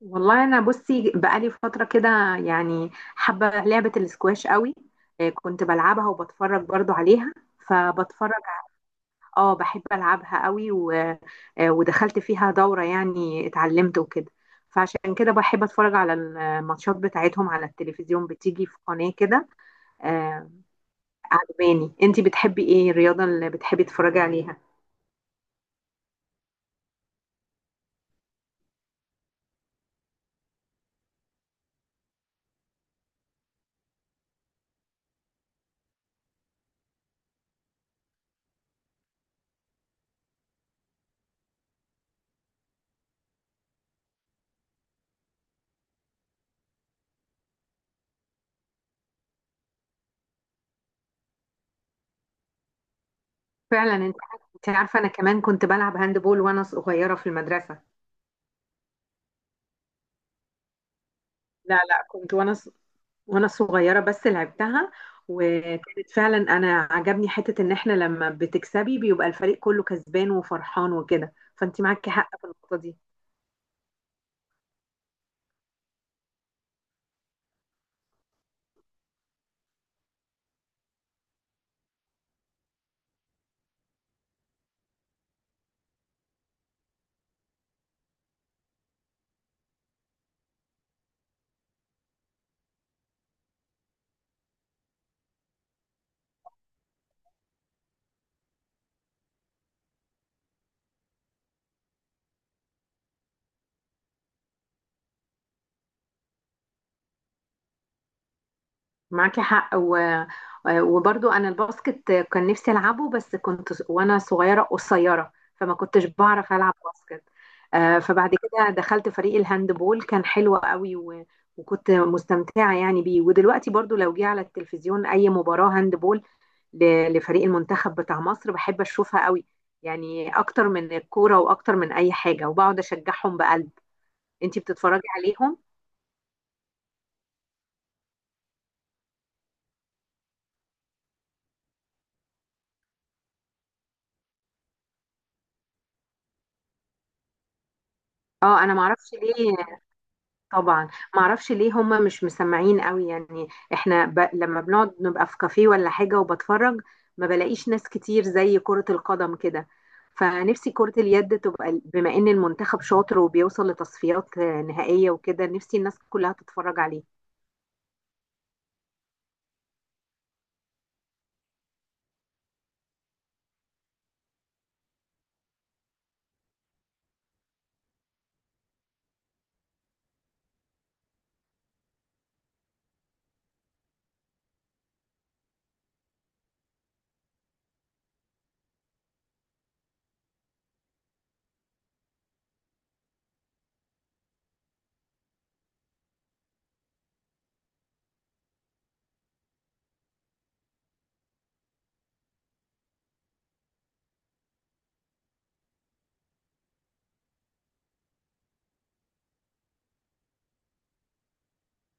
والله انا بصي بقالي فتره كده، يعني حابه لعبه الاسكواش قوي. كنت بلعبها وبتفرج برضو عليها، فبتفرج. اه، بحب العبها قوي و... آه، ودخلت فيها دوره، يعني اتعلمت وكده. فعشان كده بحب اتفرج على الماتشات بتاعتهم على التلفزيون، بتيجي في قناه كده. آه، عجباني. انتي بتحبي ايه الرياضه اللي بتحبي تتفرجي عليها؟ فعلا، انت عارفه انا كمان كنت بلعب هاندبول وانا صغيره في المدرسه. لا لا، كنت وانا صغيره بس لعبتها. وكانت فعلا، انا عجبني حته ان احنا لما بتكسبي بيبقى الفريق كله كسبان وفرحان وكده، فانت معاكي حق في النقطه دي. معاكي حق. وبرضو انا الباسكت كان نفسي العبه، بس كنت وانا صغيره قصيره، فما كنتش بعرف العب باسكت. فبعد كده دخلت فريق الهاندبول، كان حلو قوي وكنت مستمتعه يعني بيه. ودلوقتي برضو لو جه على التلفزيون اي مباراه هاندبول لفريق المنتخب بتاع مصر بحب اشوفها قوي، يعني اكتر من الكوره واكتر من اي حاجه، وبقعد اشجعهم بقلب. انتي بتتفرجي عليهم؟ اه، انا معرفش ليه، طبعا معرفش ليه هما مش مسمعين قوي، يعني احنا لما بنقعد نبقى في كافيه ولا حاجة وبتفرج ما بلاقيش ناس كتير زي كرة القدم كده. فنفسي كرة اليد تبقى، بما ان المنتخب شاطر وبيوصل لتصفيات نهائية وكده، نفسي الناس كلها تتفرج عليه.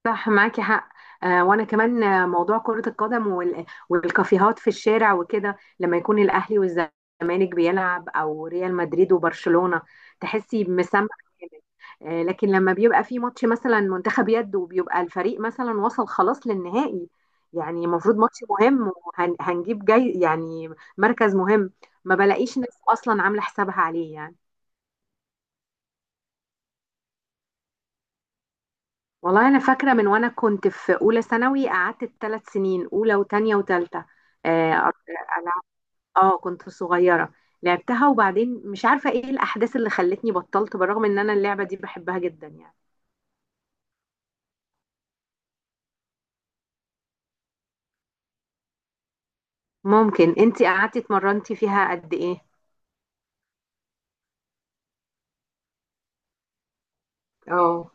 صح، معاكي حق. آه، وانا كمان، موضوع كرة القدم والكافيهات في الشارع وكده، لما يكون الاهلي والزمالك بيلعب او ريال مدريد وبرشلونة تحسي بمسمع جامد. آه، لكن لما بيبقى في ماتش مثلا منتخب يد، وبيبقى الفريق مثلا وصل خلاص للنهائي، يعني المفروض ماتش مهم، وهنجيب جاي يعني مركز مهم، ما بلاقيش ناس اصلا عاملة حسابها عليه يعني. والله انا فاكره، من وانا كنت في اولى ثانوي قعدت 3 سنين، اولى وتانية وتالتة. آه أر- العب. اه، كنت صغيره، لعبتها. وبعدين مش عارفه ايه الاحداث اللي خلتني بطلت، بالرغم ان انا اللعبه دي بحبها جدا يعني. ممكن انتي قعدتي اتمرنتي فيها قد ايه؟ اه،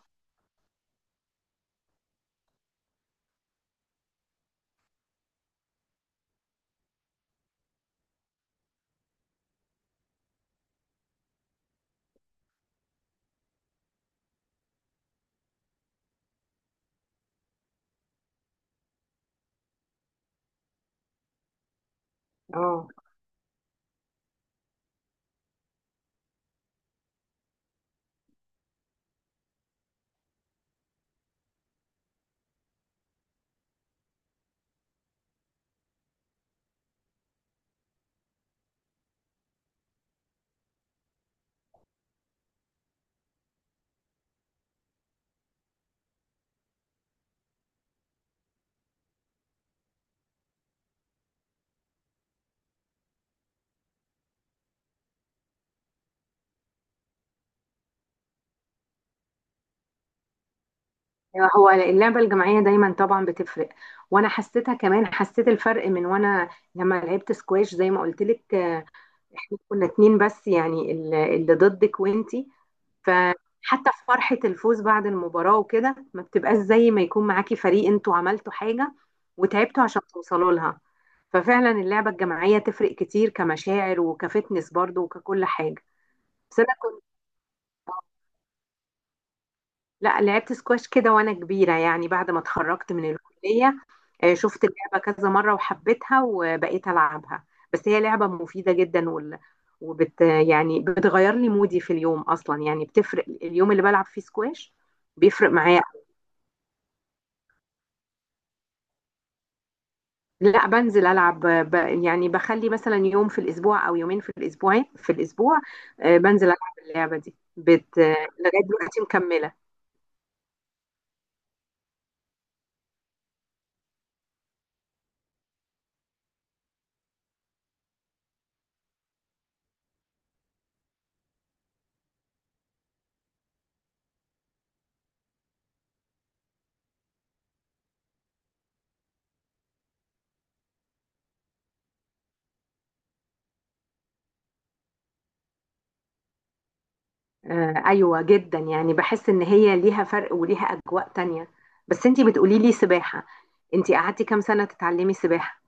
اه. أيوة، هو اللعبة الجماعية دايما طبعا بتفرق. وانا حسيتها كمان، حسيت الفرق من وانا لما لعبت سكواش زي ما قلت لك. احنا كنا اتنين بس، يعني اللي ضدك وانتي. فحتى في فرحة الفوز بعد المباراة وكده ما بتبقاش زي ما يكون معاكي فريق انتوا عملتوا حاجة وتعبتوا عشان توصلوا لها. ففعلا اللعبة الجماعية تفرق كتير كمشاعر وكفتنس برضو وككل حاجة. بس انا كنت لا، لعبت سكواش كده وانا كبيرة، يعني بعد ما اتخرجت من الكلية. آه، شفت اللعبة كذا مرة وحبيتها وبقيت ألعبها. بس هي لعبة مفيدة جدا وال... وبت يعني بتغير لي مودي في اليوم أصلا، يعني بتفرق اليوم اللي بلعب فيه سكواش، بيفرق معايا. لا، بنزل العب يعني بخلي مثلا يوم في الاسبوع او يومين في الاسبوع في الاسبوع، بنزل العب. اللعبه دي بت... آه، لغايه دلوقتي مكمله. ايوه جدا، يعني بحس ان هي ليها فرق وليها اجواء تانية. بس انتي بتقولي لي سباحه، انتي قعدتي كام سنه تتعلمي سباحه؟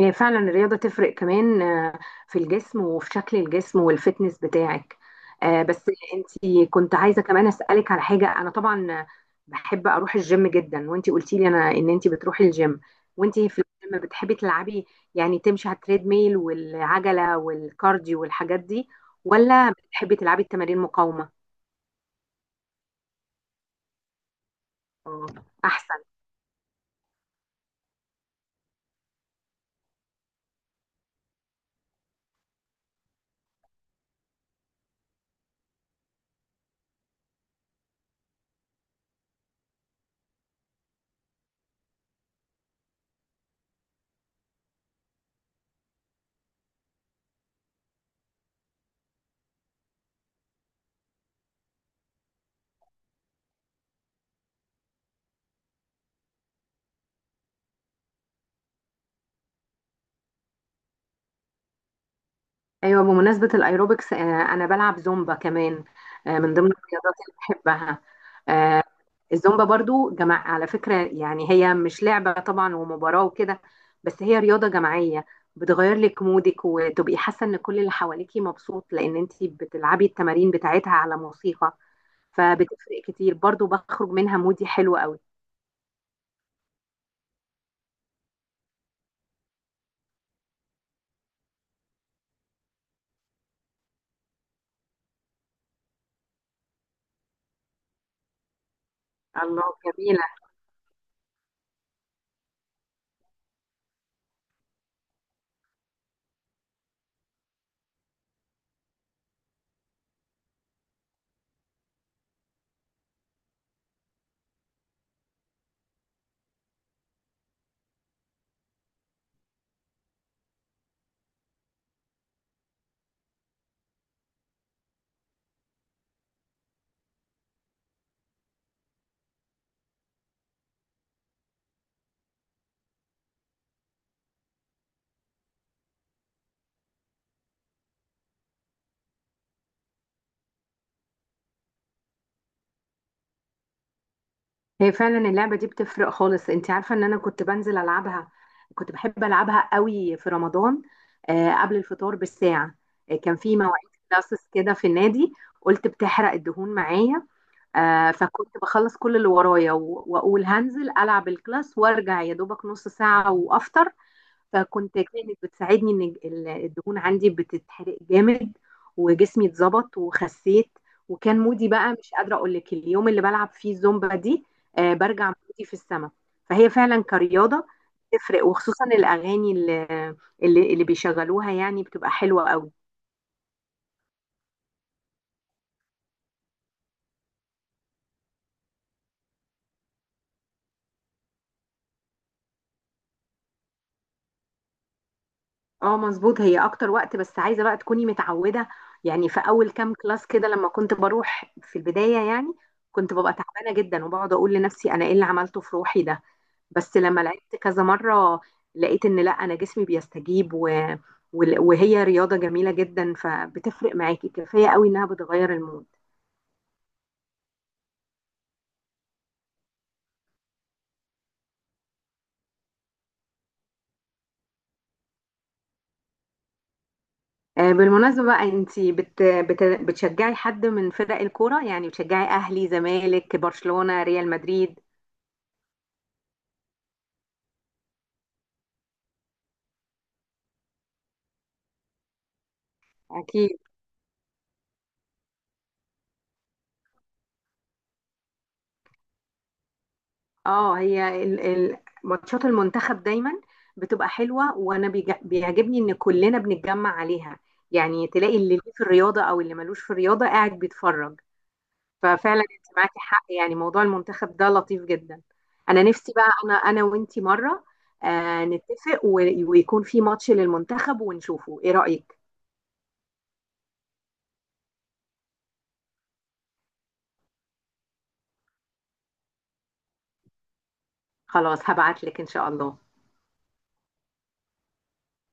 هي فعلا الرياضة تفرق كمان في الجسم وفي شكل الجسم والفتنس بتاعك. بس انتي كنت عايزة كمان أسألك على حاجة. أنا طبعا بحب أروح الجيم جدا، وانتي قلتي لي أنا إن انتي بتروحي الجيم. وانتي في الجيم بتحبي تلعبي، يعني تمشي على التريد ميل والعجلة والكارديو والحاجات دي، ولا بتحبي تلعبي التمارين مقاومة؟ آه، أحسن. ايوه، بمناسبه الايروبكس، انا بلعب زومبا كمان. من ضمن الرياضات اللي بحبها. آه، الزومبا برضو جماعة على فكره، يعني هي مش لعبه طبعا ومباراه وكده، بس هي رياضه جماعيه. بتغير لك مودك وتبقي حاسه ان كل اللي حواليكي مبسوط، لان انت بتلعبي التمارين بتاعتها على موسيقى. فبتفرق كتير برضو، بخرج منها مودي حلو قوي. الله، جميله. هي فعلا اللعبة دي بتفرق خالص. انت عارفة ان انا كنت بنزل العبها، كنت بحب العبها قوي في رمضان، قبل الفطار بالساعة. كان في مواعيد كلاسز كده في النادي، قلت بتحرق الدهون معايا. فكنت بخلص كل اللي ورايا واقول هنزل العب الكلاس وارجع يا دوبك نص ساعة وافطر. كانت بتساعدني ان الدهون عندي بتتحرق جامد، وجسمي اتظبط وخسيت. وكان مودي بقى مش قادره اقول لك اليوم اللي بلعب فيه الزومبا دي. آه، برجع مودي في السما. فهي فعلا كرياضه تفرق، وخصوصا الاغاني اللي بيشغلوها يعني بتبقى حلوه قوي. اه، مظبوط، هي اكتر وقت. بس عايزه بقى تكوني متعوده، يعني في اول كام كلاس كده لما كنت بروح في البدايه، يعني كنت ببقى تعبانه جدا، وبقعد اقول لنفسي انا ايه اللي عملته في روحي ده. بس لما لعبت كذا مرة لقيت ان لا، انا جسمي بيستجيب وهي رياضة جميلة جدا، فبتفرق معاكي كفاية قوي انها بتغير المود. بالمناسبة بقى، انتي بتشجعي حد من فرق الكورة؟ يعني بتشجعي اهلي، زمالك، برشلونة، ريال مدريد؟ اكيد. اه، هي ماتشات المنتخب دايما بتبقى حلوة، وانا بيعجبني ان كلنا بنتجمع عليها، يعني تلاقي اللي ليه في الرياضة او اللي ملوش في الرياضة قاعد بيتفرج. ففعلا انت معاكي حق، يعني موضوع المنتخب ده لطيف جدا. انا نفسي بقى، انا وانتي مره آه، نتفق ويكون في ماتش للمنتخب ونشوفه، ايه رأيك؟ خلاص، هبعت لك ان شاء الله.